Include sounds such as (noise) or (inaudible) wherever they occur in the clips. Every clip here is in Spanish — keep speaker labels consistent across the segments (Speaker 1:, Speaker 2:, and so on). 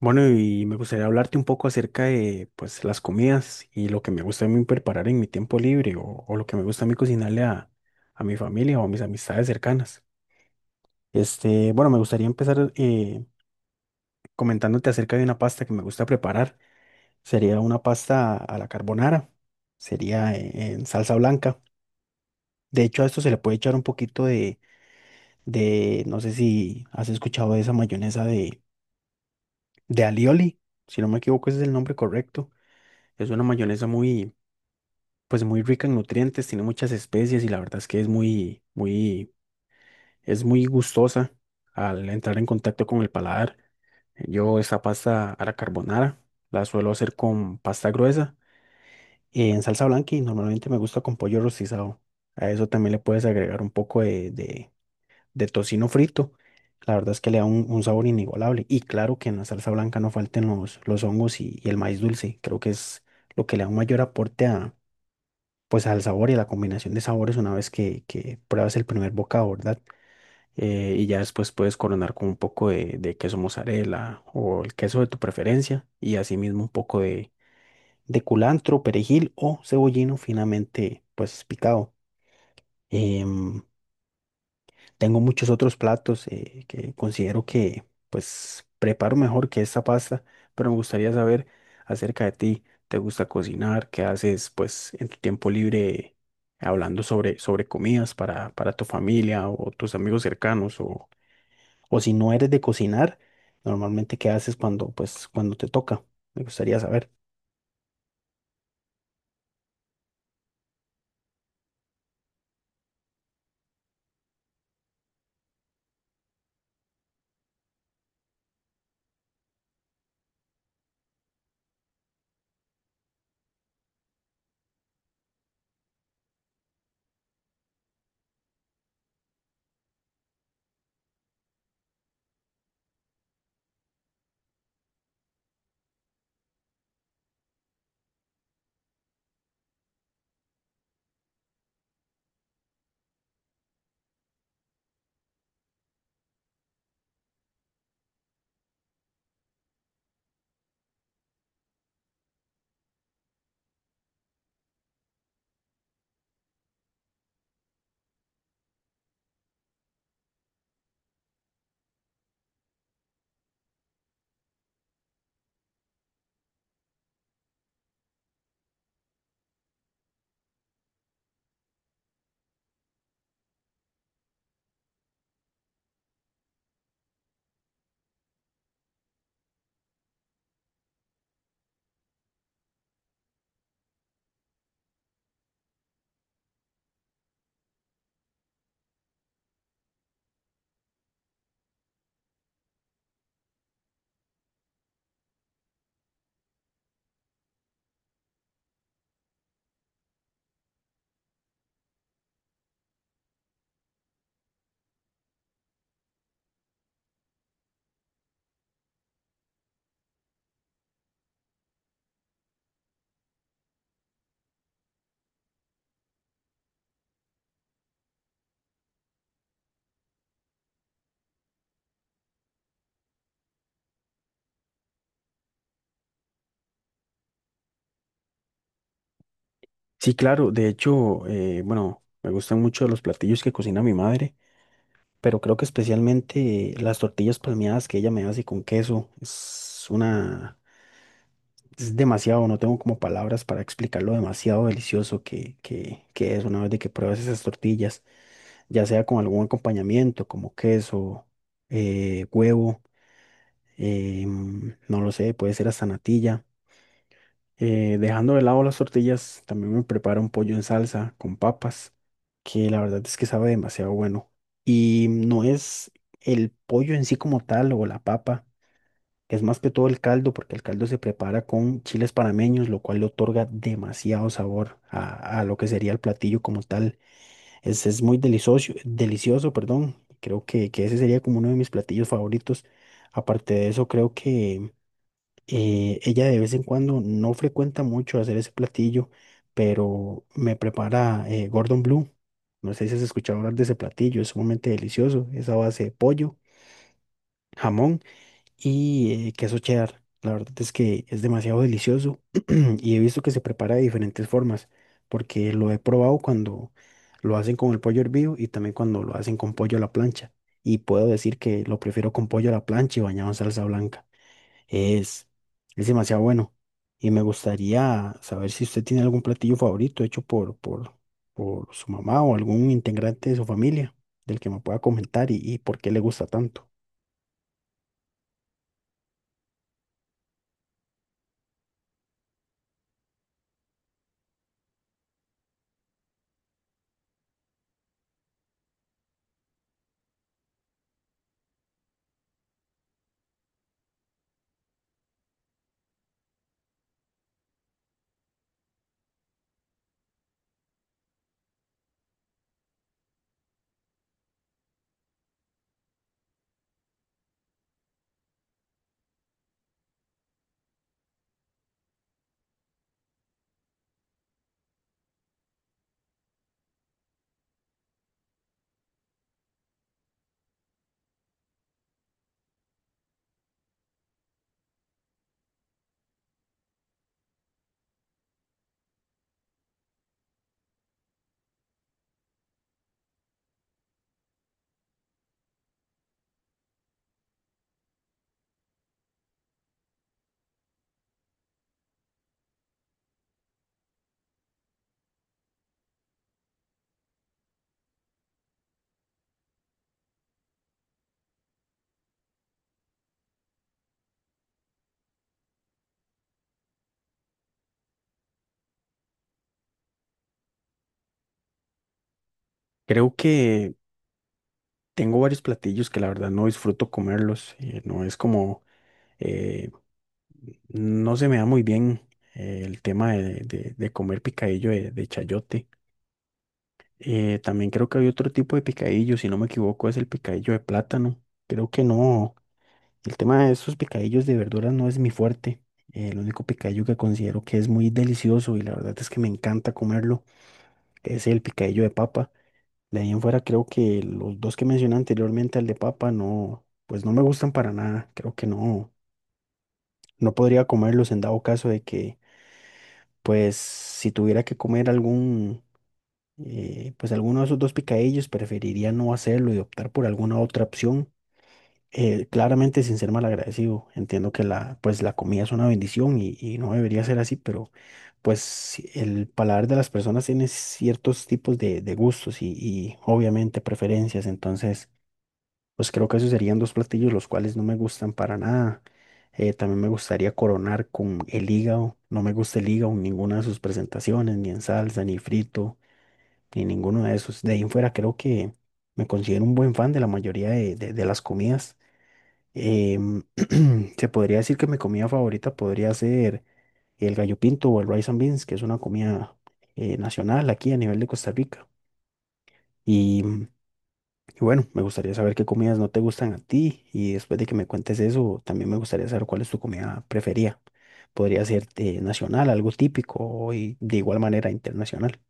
Speaker 1: Bueno, y me gustaría hablarte un poco acerca de pues las comidas y lo que me gusta a mí preparar en mi tiempo libre o lo que me gusta a mí cocinarle a mi familia o a mis amistades cercanas. Este, bueno, me gustaría empezar comentándote acerca de una pasta que me gusta preparar. Sería una pasta a la carbonara, sería en salsa blanca. De hecho, a esto se le puede echar un poquito no sé si has escuchado de esa mayonesa de alioli, si no me equivoco, ese es el nombre correcto. Es una mayonesa muy pues muy rica en nutrientes, tiene muchas especies y la verdad es que es es muy gustosa al entrar en contacto con el paladar. Yo esta pasta a la carbonara la suelo hacer con pasta gruesa y en salsa blanca y normalmente me gusta con pollo rostizado. A eso también le puedes agregar un poco de tocino frito. La verdad es que le da un sabor inigualable. Y claro que en la salsa blanca no falten los hongos y el maíz dulce. Creo que es lo que le da un mayor aporte pues al sabor y a la combinación de sabores una vez que pruebas el primer bocado, ¿verdad? Y ya después puedes coronar con un poco de queso mozzarella o el queso de tu preferencia y asimismo un poco de culantro, perejil o cebollino finamente pues picado. Em, Tengo muchos otros platos que considero que pues preparo mejor que esta pasta, pero me gustaría saber acerca de ti. ¿Te gusta cocinar? ¿Qué haces pues en tu tiempo libre hablando sobre comidas para tu familia o tus amigos cercanos? O si no eres de cocinar, normalmente qué haces cuando pues cuando te toca? Me gustaría saber. Sí, claro, de hecho, bueno, me gustan mucho los platillos que cocina mi madre. Pero creo que especialmente las tortillas palmeadas que ella me hace con queso es una, es demasiado, no tengo como palabras para explicar lo demasiado delicioso que es una vez de que pruebas esas tortillas, ya sea con algún acompañamiento como queso, huevo, no lo sé, puede ser hasta natilla. Dejando de lado las tortillas, también me preparo un pollo en salsa con papas, que la verdad es que sabe demasiado bueno. Y no es el pollo en sí como tal o la papa, es más que todo el caldo, porque el caldo se prepara con chiles panameños, lo cual le otorga demasiado sabor a lo que sería el platillo como tal. Es muy delicioso, delicioso, perdón. Creo que ese sería como uno de mis platillos favoritos. Aparte de eso, creo que ella de vez en cuando no frecuenta mucho hacer ese platillo, pero me prepara Gordon Blue. No sé si has escuchado hablar de ese platillo, es sumamente delicioso. Es a base de pollo, jamón y queso cheddar. La verdad es que es demasiado delicioso (clears throat) y he visto que se prepara de diferentes formas, porque lo he probado cuando lo hacen con el pollo hervido y también cuando lo hacen con pollo a la plancha. Y puedo decir que lo prefiero con pollo a la plancha y bañado en salsa blanca. Es, es demasiado bueno. Y me gustaría saber si usted tiene algún platillo favorito hecho por su mamá o algún integrante de su familia del que me pueda comentar y por qué le gusta tanto. Creo que tengo varios platillos que la verdad no disfruto comerlos. No es como, eh, no se me da muy bien el tema de comer picadillo de chayote. También creo que hay otro tipo de picadillo, si no me equivoco, es el picadillo de plátano. Creo que no. El tema de esos picadillos de verduras no es mi fuerte. El único picadillo que considero que es muy delicioso y la verdad es que me encanta comerlo es el picadillo de papa. De ahí en fuera creo que los dos que mencioné anteriormente, el de papa, no, pues no me gustan para nada. Creo que no, no podría comerlos en dado caso de que, pues si tuviera que comer algún, pues alguno de esos dos picadillos, preferiría no hacerlo y optar por alguna otra opción claramente sin ser mal agradecido, entiendo que la, pues, la comida es una bendición y no debería ser así, pero pues si el paladar de las personas tiene ciertos tipos de gustos y obviamente preferencias, entonces pues creo que esos serían dos platillos los cuales no me gustan para nada. También me gustaría coronar con el hígado, no me gusta el hígado en ninguna de sus presentaciones, ni en salsa, ni frito, ni ninguno de esos. De ahí en fuera creo que me considero un buen fan de la mayoría de de las comidas. Em, (clears throat) se podría decir que mi comida favorita podría ser el gallo pinto o el rice and beans, que es una comida nacional aquí a nivel de Costa Rica. Y, y bueno, me gustaría saber qué comidas no te gustan a ti y después de que me cuentes eso, también me gustaría saber cuál es tu comida preferida. Podría ser nacional, algo típico y de igual manera internacional.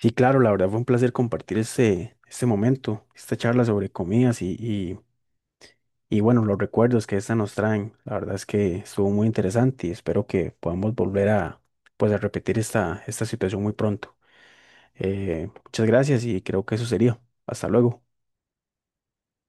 Speaker 1: Sí, claro, la verdad fue un placer compartir este momento, esta charla sobre comidas y bueno, los recuerdos que esta nos traen, la verdad es que estuvo muy interesante y espero que podamos volver a, pues, a repetir esta situación muy pronto. Muchas gracias y creo que eso sería. Hasta luego.